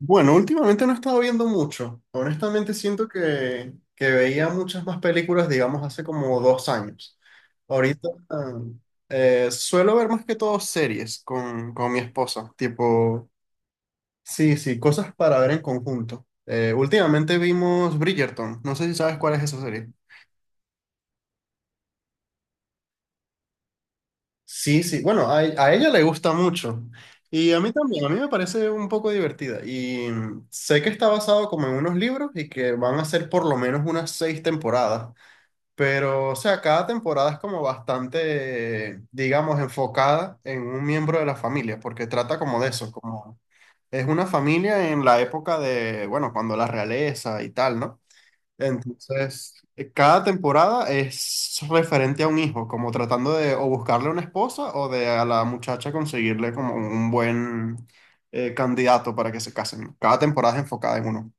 Bueno, últimamente no he estado viendo mucho. Honestamente siento que veía muchas más películas, digamos, hace como dos años. Ahorita suelo ver más que todo series con mi esposa, tipo, sí, sí, cosas para ver en conjunto. Últimamente vimos Bridgerton, no sé si sabes cuál es esa serie. Sí, sí. Bueno, a ella le gusta mucho. Y a mí también, a mí me parece un poco divertida. Y mm, sé que está basado como en unos libros y que van a ser por lo menos unas seis temporadas. Pero, o sea, cada temporada es como bastante, digamos, enfocada en un miembro de la familia, porque trata como de eso, como es una familia en la época de, bueno, cuando la realeza y tal, ¿no? Entonces, cada temporada es referente a un hijo, como tratando de o buscarle una esposa o de a la muchacha conseguirle como un buen candidato para que se casen. Cada temporada es enfocada en uno.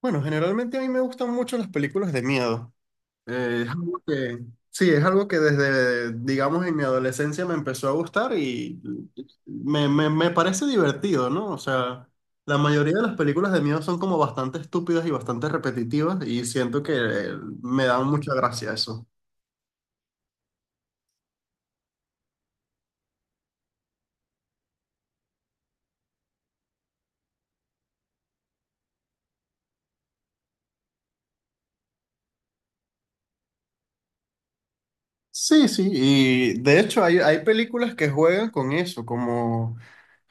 Bueno, generalmente a mí me gustan mucho las películas de miedo. Eh, es algo que, sí, es algo que desde, digamos, en mi adolescencia me empezó a gustar y me parece divertido, ¿no? O sea, la mayoría de las películas de miedo son como bastante estúpidas y bastante repetitivas y siento que me da mucha gracia eso. Sí, sí, y de hecho hay películas que juegan con eso, como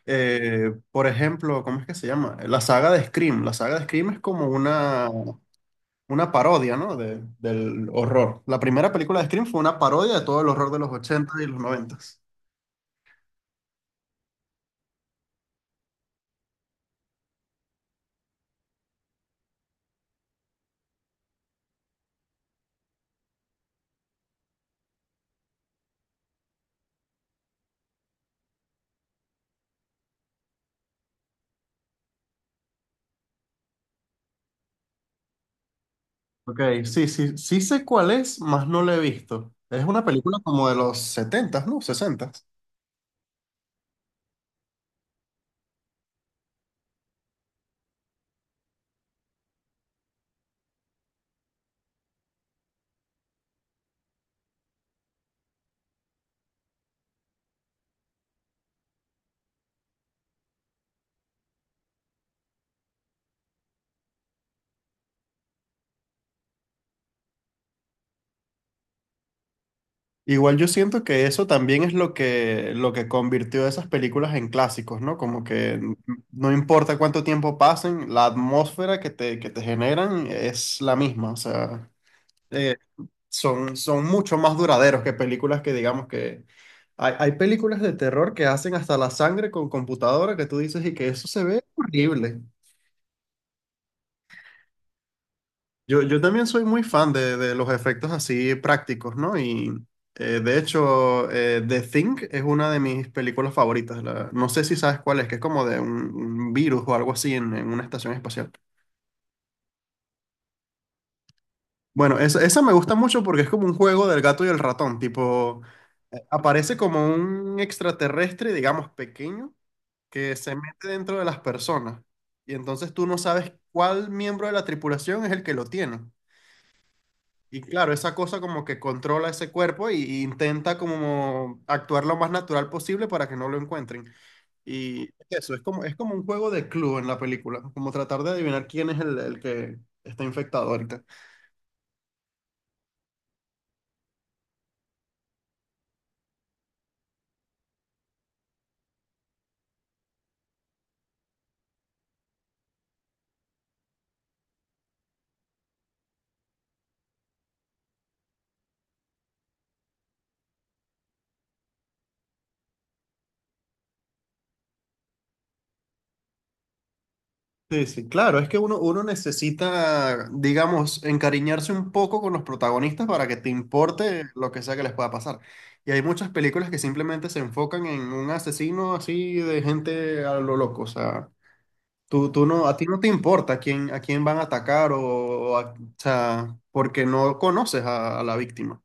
por ejemplo, ¿cómo es que se llama? La saga de Scream. La saga de Scream es como una parodia, ¿no? De- del horror. La primera película de Scream fue una parodia de todo el horror de los 80 y los 90. Ok, sí, sí, sí sé cuál es, más no la he visto. Es una película como de los 70, ¿no? 60. Igual yo siento que eso también es lo que convirtió esas películas en clásicos, ¿no? Como que no importa cuánto tiempo pasen, la atmósfera que te generan es la misma. O sea, eh, son, son mucho más duraderos que películas que digamos que... Hay películas de terror que hacen hasta la sangre con computadora que tú dices y que eso se ve horrible. Yo también soy muy fan de los efectos así prácticos, ¿no? Y The Thing es una de mis películas favoritas. La- no sé si sabes cuál es, que es como de un virus o algo así en una estación espacial. Bueno, esa me gusta mucho porque es como un juego del gato y el ratón, tipo, aparece como un extraterrestre, digamos, pequeño, que se mete dentro de las personas. Y entonces tú no sabes cuál miembro de la tripulación es el que lo tiene. Y claro, esa cosa como que controla ese cuerpo y intenta como actuar lo más natural posible para que no lo encuentren. Y eso, es como un juego de club en la película, como tratar de adivinar quién es el que está infectado ahorita. Sí, sí, claro, es que uno, uno necesita, digamos, encariñarse un poco con los protagonistas para que te importe lo que sea que les pueda pasar. Y hay muchas películas que simplemente se enfocan en un asesino así de gente a lo loco. O sea, tú no, a ti no te importa a quién van a atacar o a- o sea, porque no conoces a la víctima.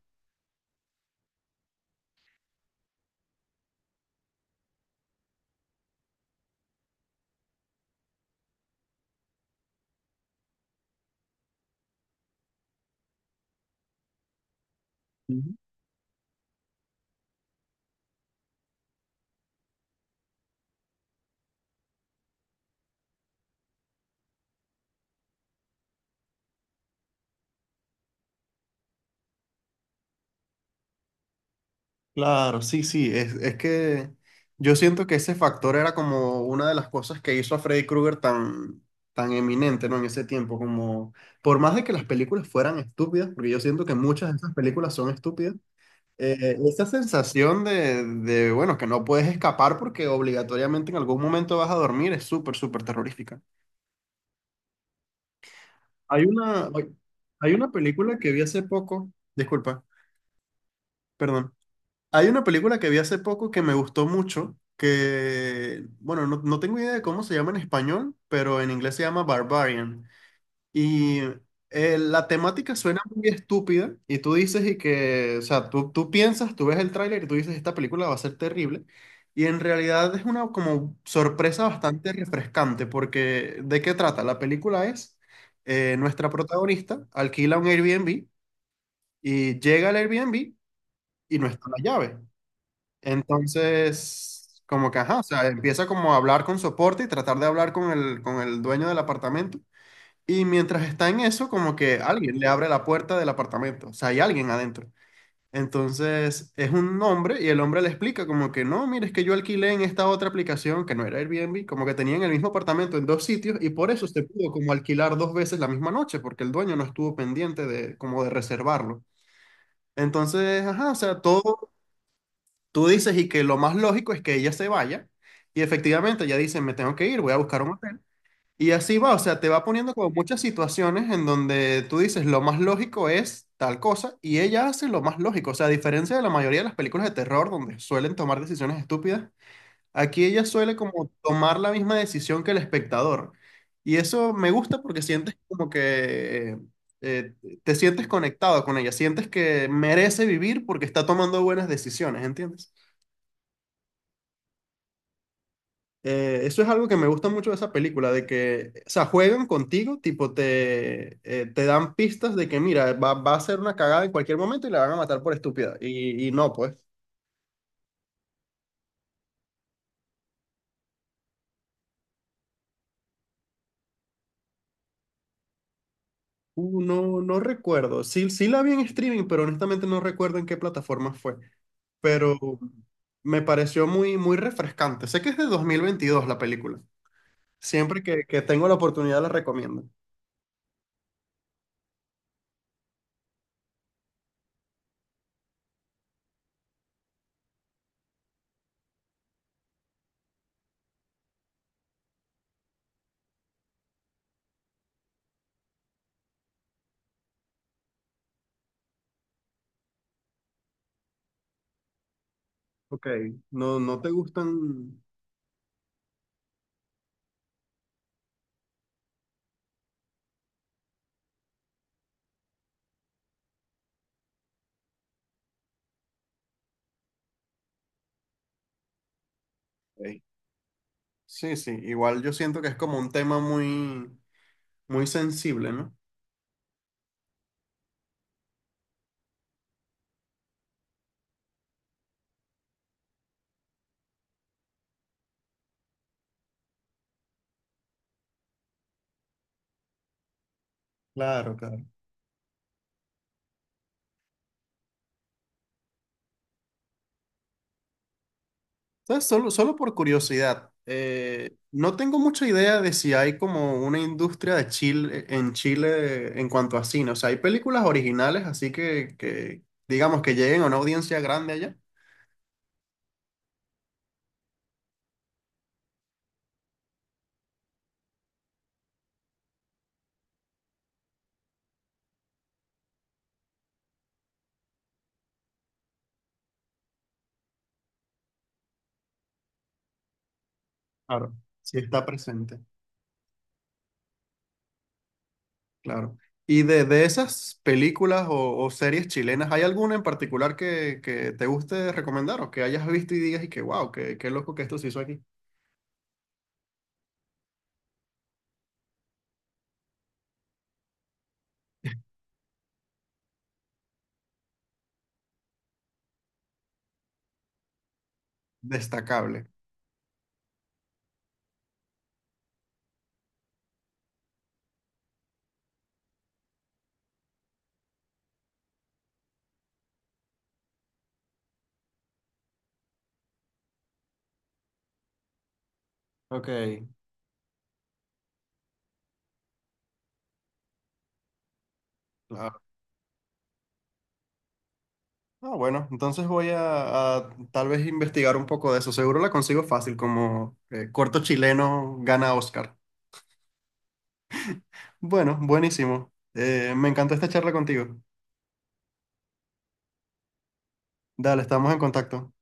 Claro, sí, sí, es que yo siento que ese factor era como una de las cosas que hizo a Freddy Krueger tan, tan eminente, ¿no? En ese tiempo, como por más de que las películas fueran estúpidas, porque yo siento que muchas de esas películas son estúpidas, esa sensación de, bueno, que no puedes escapar porque obligatoriamente en algún momento vas a dormir es súper, súper terrorífica. Hay una, hay Hay una película que vi hace poco, disculpa, perdón. Hay una película que vi hace poco que me gustó mucho, que, bueno, no, no tengo idea de cómo se llama en español, pero en inglés se llama Barbarian. Y la temática suena muy estúpida y tú dices y que, o sea, tú piensas, tú ves el tráiler y tú dices, esta película va a ser terrible. Y en realidad es una como sorpresa bastante refrescante, porque ¿de qué trata? La película es, nuestra protagonista alquila un Airbnb y llega al Airbnb y no está la llave. Entonces, como que, ajá, o sea, empieza como a hablar con soporte y tratar de hablar con el dueño del apartamento. Y mientras está en eso, como que alguien le abre la puerta del apartamento, o sea, hay alguien adentro. Entonces, es un hombre y el hombre le explica como que, no, mire, es que yo alquilé en esta otra aplicación que no era Airbnb, como que tenían el mismo apartamento en dos sitios y por eso se pudo como alquilar dos veces la misma noche, porque el dueño no estuvo pendiente de como de reservarlo. Entonces, ajá, o sea, todo tú dices y que lo más lógico es que ella se vaya y efectivamente ella dice, me tengo que ir, voy a buscar un hotel. Y así va, o sea, te va poniendo como muchas situaciones en donde tú dices, lo más lógico es tal cosa y ella hace lo más lógico. O sea, a diferencia de la mayoría de las películas de terror donde suelen tomar decisiones estúpidas, aquí ella suele como tomar la misma decisión que el espectador. Y eso me gusta porque sientes como que eh, te sientes conectado con ella, sientes que merece vivir porque está tomando buenas decisiones, ¿entiendes? Eso es algo que me gusta mucho de esa película, de que, o sea, juegan contigo, tipo, te, te dan pistas de que, mira, va a ser una cagada en cualquier momento y la van a matar por estúpida. Y no, pues, uh, no, no recuerdo. Sí, sí la vi en streaming, pero honestamente no recuerdo en qué plataforma fue. Pero me pareció muy, muy refrescante. Sé que es de 2022 la película. Siempre que tengo la oportunidad la recomiendo. Ok, no, no te gustan... Ok. Sí, sí, igual yo siento que es como un tema muy muy sensible, ¿no? Claro, claro. Entonces, solo por curiosidad, no tengo mucha idea de si hay como una industria de Chile, en Chile en cuanto a cine. O sea, hay películas originales, así que digamos que lleguen a una audiencia grande allá. Claro. Sí está presente, claro. Y de esas películas o series chilenas, ¿hay alguna en particular que te guste recomendar o que hayas visto y digas y que wow, qué, qué loco que esto se hizo aquí? Destacable. Ok, claro. Ah, bueno, entonces voy a tal vez investigar un poco de eso. Seguro la consigo fácil, como corto chileno gana Oscar. Bueno, buenísimo. Me encantó esta charla contigo. Dale, estamos en contacto.